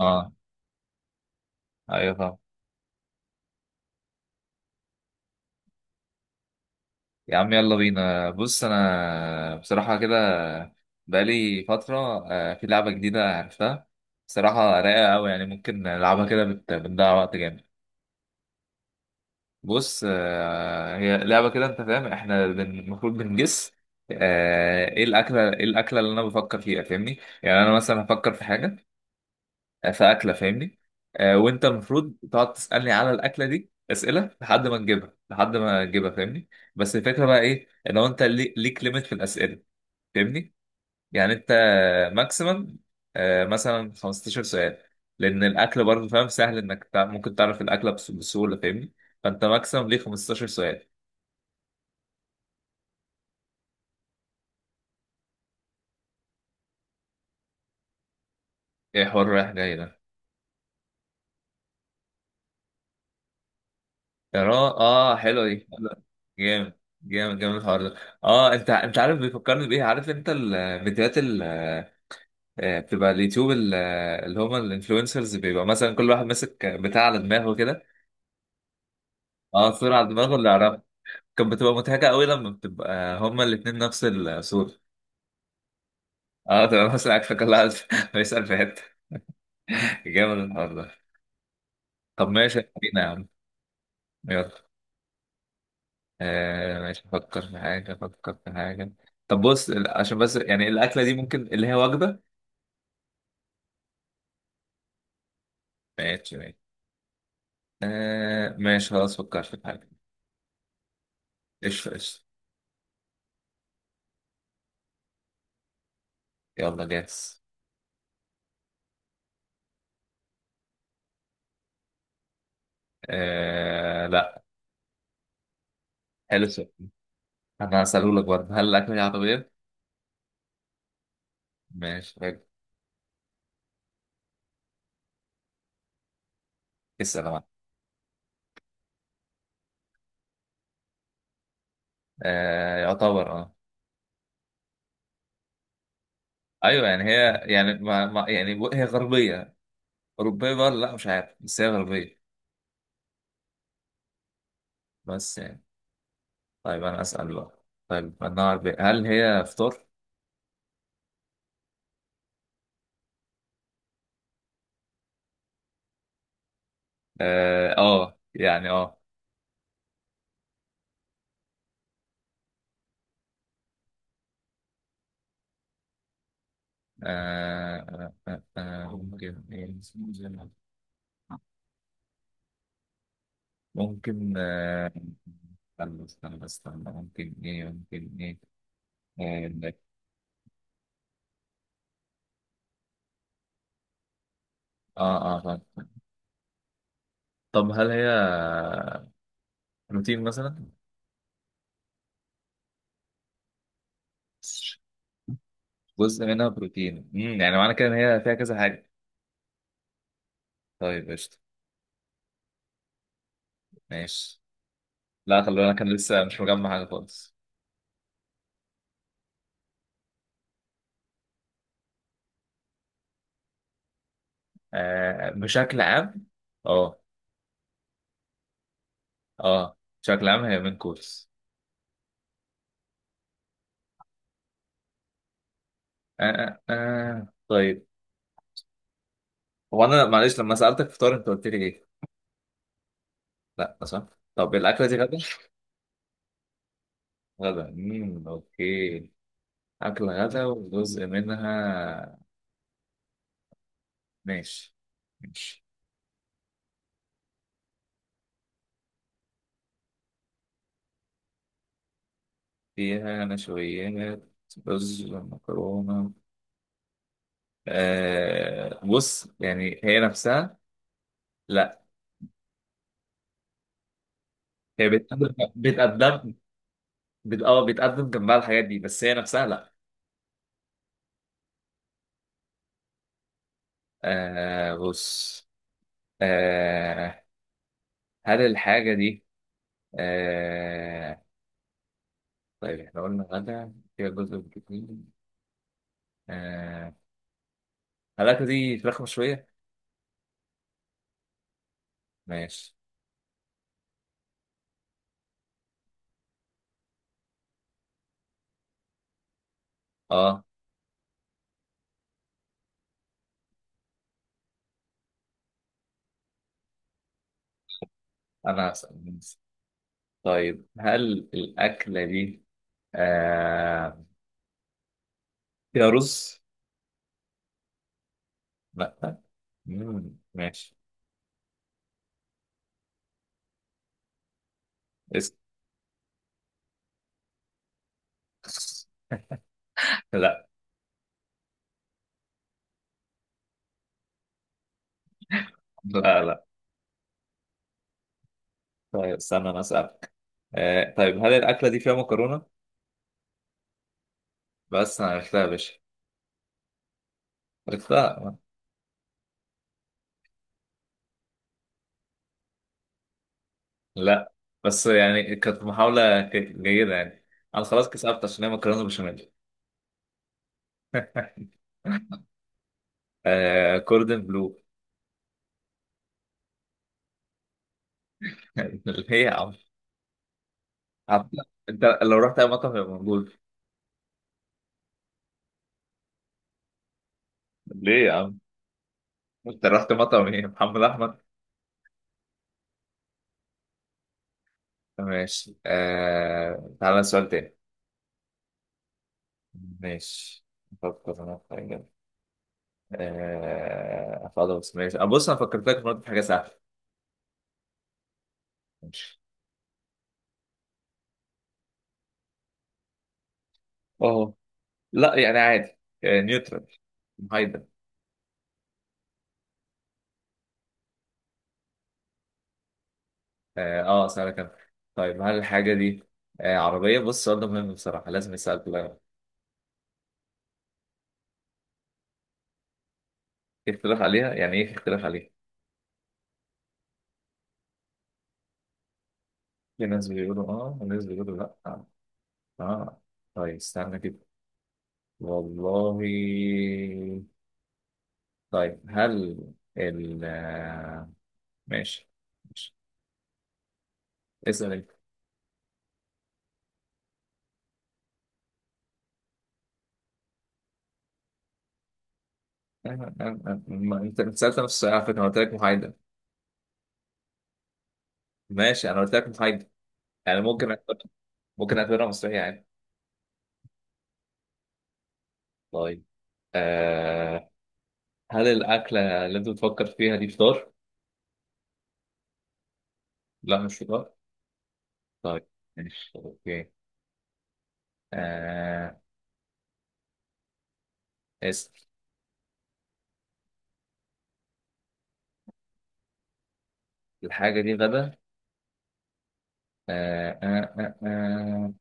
اه، ايوه طبعا. يا عم يلا بينا. بص انا بصراحه كده بقالي فتره. في لعبه جديده عرفتها، بصراحه رايقه قوي. يعني ممكن نلعبها كده، بنضيع وقت جامد. بص، هي لعبه كده، انت فاهم، احنا المفروض بنجس. ايه الاكله اللي انا بفكر فيها، فاهمني؟ يعني انا مثلا هفكر في حاجه، في اكله، فاهمني. وانت المفروض تقعد تسالني على الاكله دي اسئله، لحد ما نجيبها لحد ما نجيبها، فاهمني. بس الفكره بقى ايه؟ ان هو انت، ليك ليميت في الاسئله، فاهمني. يعني انت ماكسيمم مثلا 15 سؤال، لان الاكل برضه فاهم سهل انك ممكن تعرف الاكله بسهوله، فاهمني. فانت ماكسيمم ليه 15 سؤال. ايه حوار رايح جاي ده؟ اه اه، حلو دي. جامد جامد جامد الحوار ده. اه، انت عارف بيفكرني بايه؟ عارف انت الفيديوهات، بتبقى اليوتيوب، اللي هما الانفلونسرز، بيبقى مثلا كل واحد ماسك بتاع على دماغه كده. اه، صورة على دماغه اللي يعرفها. كانت بتبقى مضحكة قوي لما بتبقى هما الاتنين نفس الصورة. اه، تبقى مثلا عارفة كل واحد بيسأل في حتة. جامد الحوار ده. طب ماشي خلينا يا عم. يلا. ماشي، افكر في حاجة افكر في حاجة. طب بص، عشان بس يعني الأكلة دي ممكن اللي هي وجبة. ماشي ماشي. ماشي خلاص فكرت في حاجة. قشطة قشطة. يلا جاهز. لا. حلو السؤال. انا هسألهولك برضه، هل الاكله دي عربيه؟ ماشي حلو. اسال انا. يعتبر اه. ايوه، يعني هي، يعني ما يعني هي غربيه، اوروبيه بقى ولا لا، مش عارف، بس هي غربيه. بس يعني. طيب انا اسال بقى. طيب انا غربيه، هل هي فطار؟ اه. يعني اه. ممكن إيه؟ ممكن استنى استنى استنى، ممكن ايه ممكن ايه، آه، عندك- اه اه، فاهم. طب هل هي بروتين مثلا؟ جزء منها بروتين. يعني معنى كده ان هي فيها كذا حاجه. طيب قشطه. ماشي. لا، خلي بالك، انا لسه مش مجمع حاجه خالص. بشكل عام. اه. اه بشكل عام هي من كورس. آه. آه آه. طيب، هو انا معلش، لما سالتك فطار انت قلت لي ايه؟ لا، صح. طب الاكله دي غدا؟ غدا، اوكي. اكله غدا وجزء منها. ماشي. ماشي. فيها نشويات، رز، مكرونه. بص يعني هي نفسها، لا. هي بتقدم بتقدم، بت... اه بتقدم جنبها الحاجات دي، بس هي نفسها لا. بص. آه هل الحاجة دي، آه طيب احنا قلنا غدا فيها جزء بروتين، آه هل الأكلة دي فراخ مشوية؟ ماشي. اه، أنا هسأل. طيب هل الأكلة دي آه فيها رز؟ لا. مم. ماشي. اسم. لا لا لا. طيب استنى، انا اسالك. طيب هل الاكله دي فيها مكرونه؟ بس انا عرفتها يا باشا، عرفتها. لا، بس يعني كانت محاوله جيده يعني. انا خلاص كسبت، عشان هي مكرونه بشاميل. كوردن بلو. ليه يا عم؟ عم- انت لو رحت اي مطعم يبقى موجود. ليه يا عم؟ انت رحت مطعم ايه، محمد احمد؟ ماشي. تعالى سؤال تاني. ماشي، افكر انا في حاجه. خلاص ماشي، بص انا فكرت لك في مرة في حاجه سهله. ماشي. اه، لا يعني عادي، نيوترال، محايدة. اه، اسألك انا. طيب هل الحاجة دي عربية؟ بص السؤال ده مهم بصراحة، لازم يسأل كلها. في اختلاف عليها. يعني ايه في اختلاف عليها؟ في ناس بيقولوا اه وناس بيقولوا لا. اه. آه. طيب استنى كده. والله. طيب هل ال آه، ماشي ماشي. اسأل انت. ما انت سألت نفس السؤال على فكرة، انا قلت لك محايدة. ماشي، انا قلت لك محايدة. يعني ممكن ممكن اعتبرها مسرحية عادي. طيب، آه هل الأكلة اللي أنت بتفكر فيها دي فطار؟ لا، مش فطار. طيب ماشي أوكي. آه اسم الحاجة دي غدا. آه آه آه آه.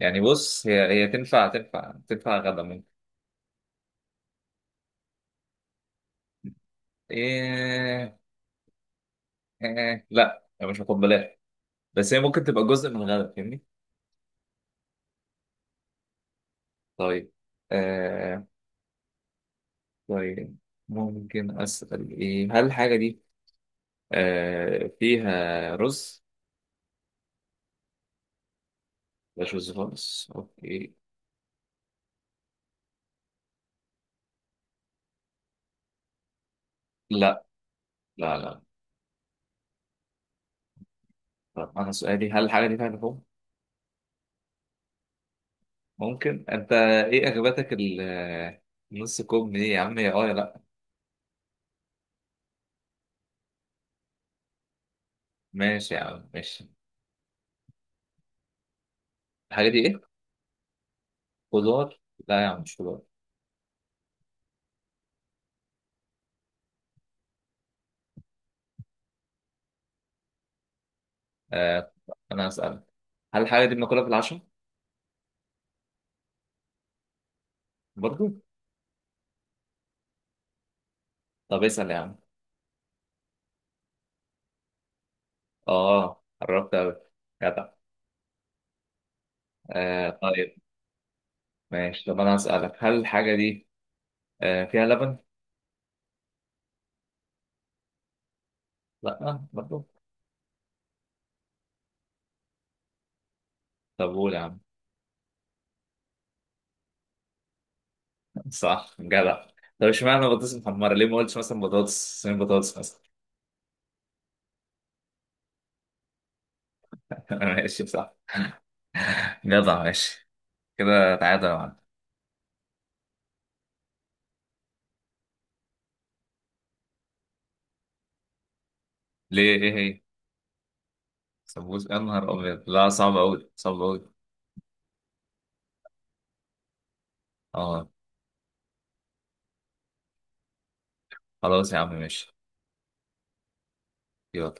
يعني بص هي تنفع تنفع تنفع غدا ممكن. إيه إيه إيه. لا هي مش هاخد بلاش، بس هي ممكن تبقى جزء من الغدا، فاهمني؟ طيب. آه طيب ممكن أسأل، إيه هل الحاجة دي فيها رز؟ مش رز خالص، أوكي. لا لا لا. طب انا سؤالي، هل الحاجه دي فيها لحوم؟ ممكن. انت ايه اغبتك نص كوب دي يا عم، يا يا لا. ماشي يا عم ماشي. الحاجه دي ايه؟ خضار. لا يا عم، مش خضار. آه. انا هسألك، هل الحاجه دي بناكلها في العشاء؟ برضو. طب اسأل يا عم. اه، قربت قوي، جدع. طيب ماشي. طب انا هسألك، هل الحاجه دي فيها لبن؟ لا برضو. طب قول يا عم. صح جدع. طب اشمعنى بطاطس محمره؟ ليه ما قلتش مثلا بطاطس صينية، بطاطس مثلا؟ ماشي صح. جدع ماشي. كده تعادل يا معلم. ليه ايه هي؟ سمبوس، يا نهار ابيض، لا صعب قوي صعب قوي. اه. خلاص يا عم ماشي. يلا